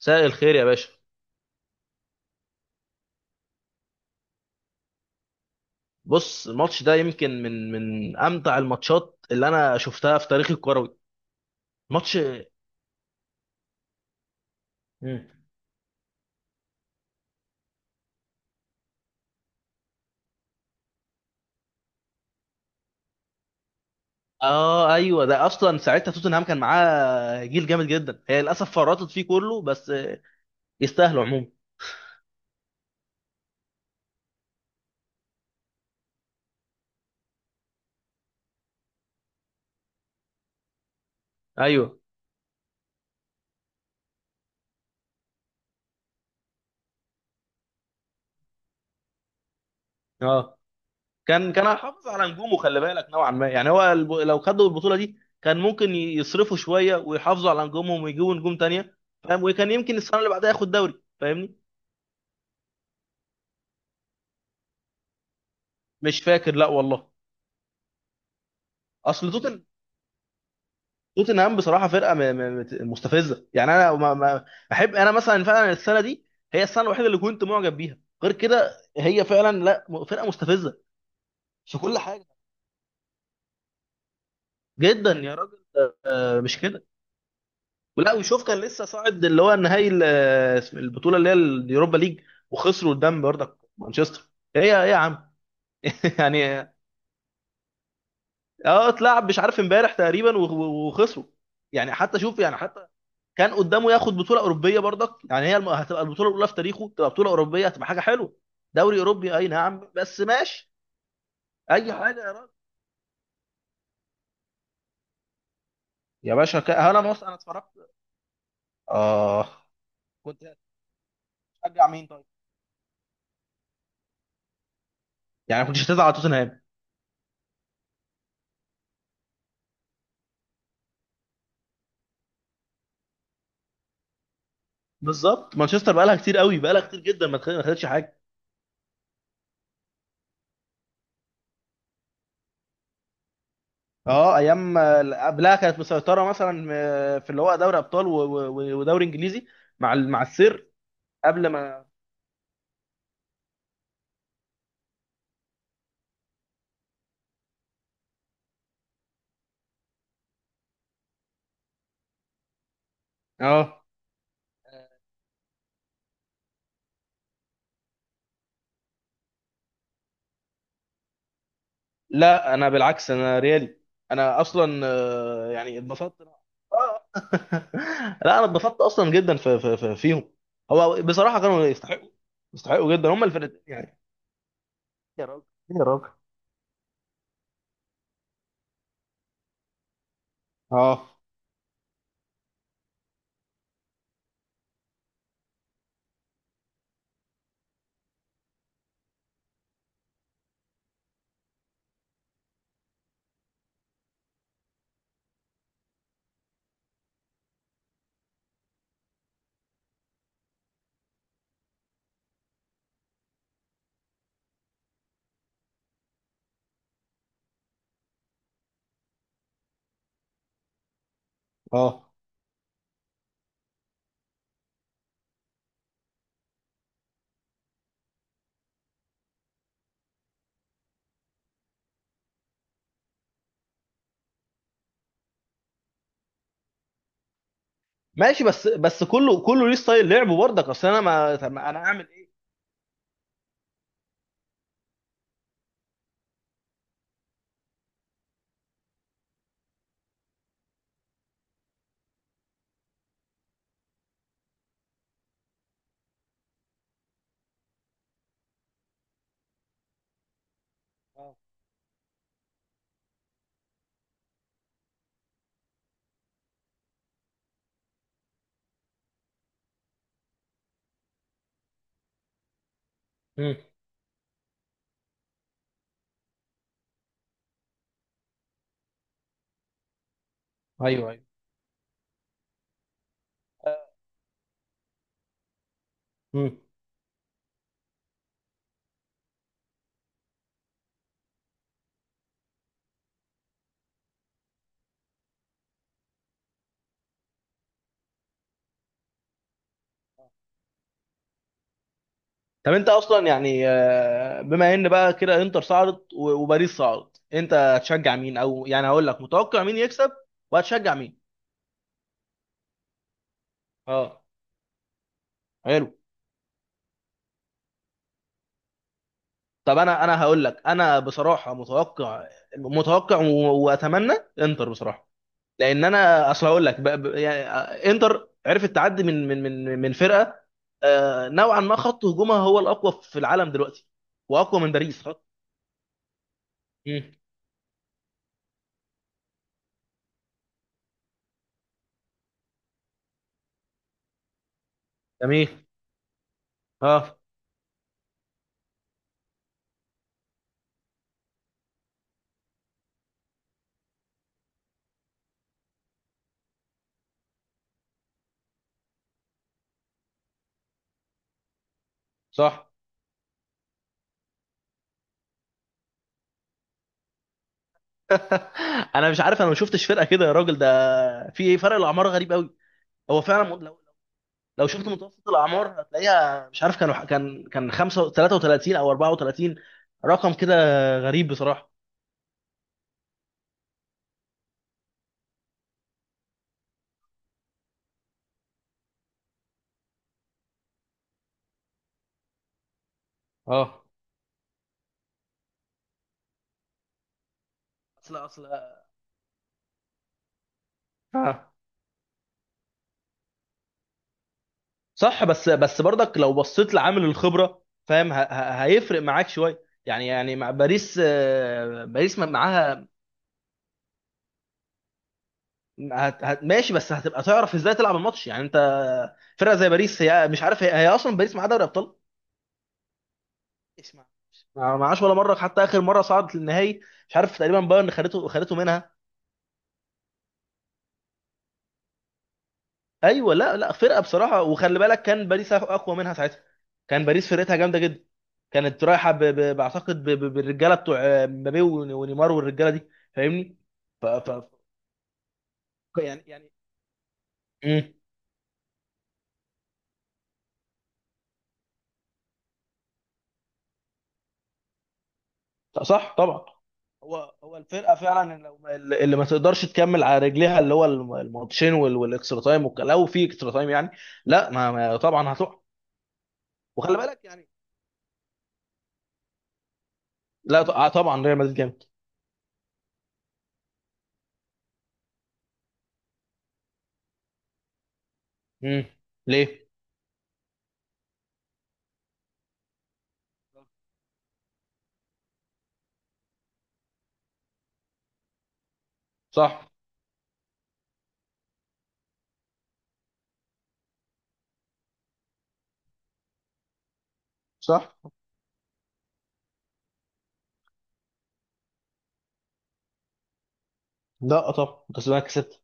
مساء الخير يا باشا. بص الماتش ده يمكن من امتع الماتشات اللي انا شفتها في تاريخي الكروي. ماتش. مم. اه، ايوه، ده اصلا ساعتها توتنهام كان معاه جيل جامد جدا، هي للاسف فرطت فيه كله بس يستاهلوا عموما. ايوه. اه. كان هيحافظ على نجومه، خلي بالك، نوعا ما. يعني هو لو خدوا البطوله دي كان ممكن يصرفوا شويه ويحافظوا على نجومهم ويجيبوا نجوم تانية. فاهم، وكان يمكن السنه اللي بعدها ياخد دوري. فاهمني. مش فاكر، لا والله. اصل توتن توتنهام بصراحه فرقه مستفزه. يعني انا ما احب، انا مثلا فعلا السنه دي هي السنه الوحيده اللي كنت معجب بيها. غير كده هي فعلا لا، فرقه مستفزه في كل حاجه. جدا يا راجل. مش كده؟ ولا وشوف، كان لسه صاعد، اللي هو النهائي البطوله اللي هي اليوروبا ليج، وخسروا قدام برضك مانشستر. ايه يا عم. يعني، اه، اتلعب مش عارف امبارح تقريبا و- و- وخسروا. يعني حتى شوف، يعني حتى كان قدامه ياخد بطوله اوروبيه برضك. يعني هي هتبقى البطوله الاولى في تاريخه، تبقى بطوله اوروبيه، هتبقى حاجه حلوه. دوري اوروبي، اي نعم، بس ماشي. اي حاجه يا راجل. يا باشا، انا بص، انا اتفرجت. اه. كنت. هتشجع مين طيب؟ يعني كنتش هتزعل على توتنهام. بالظبط، مانشستر بقالها كتير قوي، بقالها كتير جدا ما خدتش حاجه. اه، ايام، قبلها كانت مسيطره مثلا، في اللي هو دوري ابطال و- و- و- ودوري انجليزي، مع مع السير، قبل ما. اه، لا انا بالعكس انا ريالي. انا اصلا يعني اتبسطت. لا انا اتبسطت اصلا جدا في في في فيهم. هو بصراحه كانوا يستحقوا، يستحقوا جدا هم الفرقتين يعني. يا راجل. يا راجل. اه. اه. ماشي، بس كله ليه ستايل لعبه برضك. اصل انا ما، طب ما انا اعمل ايه؟ اه. امم. ايوه، ايوه. امم. طب انت اصلا يعني، بما ان بقى كده انتر صعدت و- وباريس صعدت، انت هتشجع مين؟ او يعني هقول لك متوقع مين يكسب وهتشجع مين. اه. حلو. طب انا هقول لك، انا بصراحه متوقع، متوقع و- واتمنى انتر بصراحه. لان انا، اصل هقول لك، يعني انتر عرفت تعدي من فرقه، نوعا ما، خط هجومها هو الاقوى في العالم دلوقتي، واقوى من باريس خط. مم. جميل. اه. صح. انا مش عارف، انا ما شفتش فرقه كده يا راجل ده. في ايه؟ فرق الاعمار غريب قوي. هو فعلا، لو شفت متوسط الاعمار هتلاقيها، مش عارف، كانوا، كان 5 33 او 34، رقم كده. غريب بصراحه. اه، اصل. اه، صح، بس برضك لو بصيت لعامل الخبره، فاهم؟ هيفرق معاك شويه، يعني مع باريس، باريس معاها. ماشي، بس هتبقى تعرف ازاي تلعب الماتش يعني. انت فرقه زي باريس؟ هي مش عارف، هي اصلا باريس معاها دوري ابطال. اسمع، ما معاش ولا مره، حتى اخر مره صعدت للنهائي، مش عارف، تقريبا بايرن خدته، منها. ايوه. لا، لا، فرقه بصراحه، وخلي بالك كان باريس اقوى منها ساعتها. كان باريس فرقتها جامده جدا، كانت رايحه بعتقد بالرجاله بتوع مبابي ونيمار والرجاله دي، فاهمني. ف... ف... يعني. امم. صح طبعا. هو الفرقه فعلا، لو اللي ما تقدرش تكمل على رجليها، اللي هو الماتشين والاكسترا تايم لو في اكسترا تايم يعني. لا ما طبعا هتقع. وخلي بالك يعني. لا، طبعا ريال مدريد جامد. امم. ليه؟ صح. صح. لا، طب، بس انا كسبت.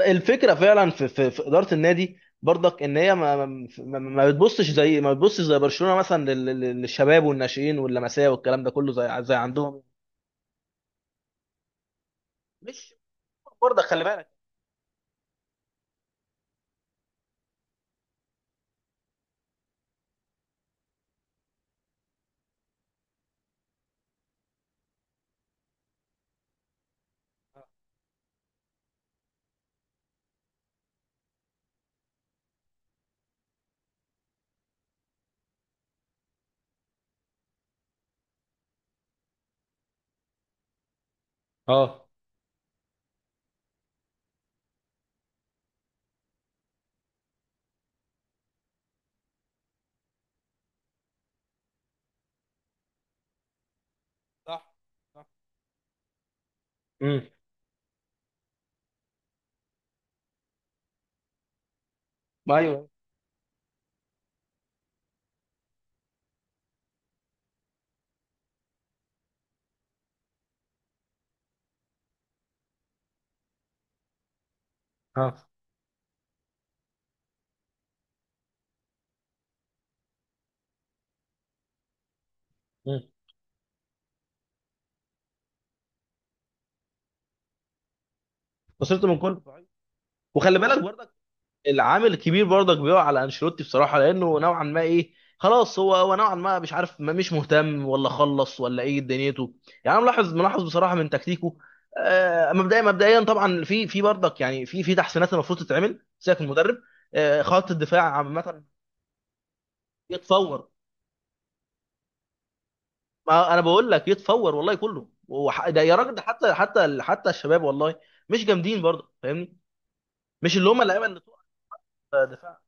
الفكره فعلا في اداره النادي برضك، ان هي ما بتبصش زي ما بتبصش، زي برشلونه مثلا للشباب والناشئين واللمسيه والكلام ده كله، زي عندهم. مش، برضك خلي بالك. اه. صح. صح. امم. ما ايوه. اه. امم. خسرت من كله. وخلي بالك برضك، العامل الكبير برضك بيقع على انشيلوتي بصراحه، لانه نوعا ما، ايه، خلاص، هو نوعا ما مش عارف، ما، مش مهتم، ولا خلص، ولا ايه دنيته. يعني انا ملاحظ، بصراحه، من تكتيكه. آه، مبدئيا طبعا، في برضك، يعني في تحسينات المفروض تتعمل، سيبك من المدرب. آه، خط الدفاع عامه. يتفور. ما انا بقول لك يتفور والله، كله ده، يا راجل، ده حتى الشباب والله مش جامدين برضه، فاهمني. مش اللي هم اللعيبه اللي تقع دفاع.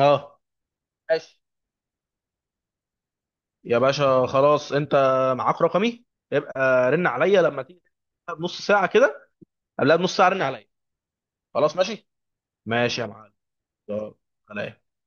اه. ماشي يا باشا، خلاص، انت معاك رقمي، يبقى رن عليا لما تيجي بنص ساعة كده، قبلها بنص ساعة رن عليا. خلاص ماشي. ماشي يا معلم. يلا، سلام.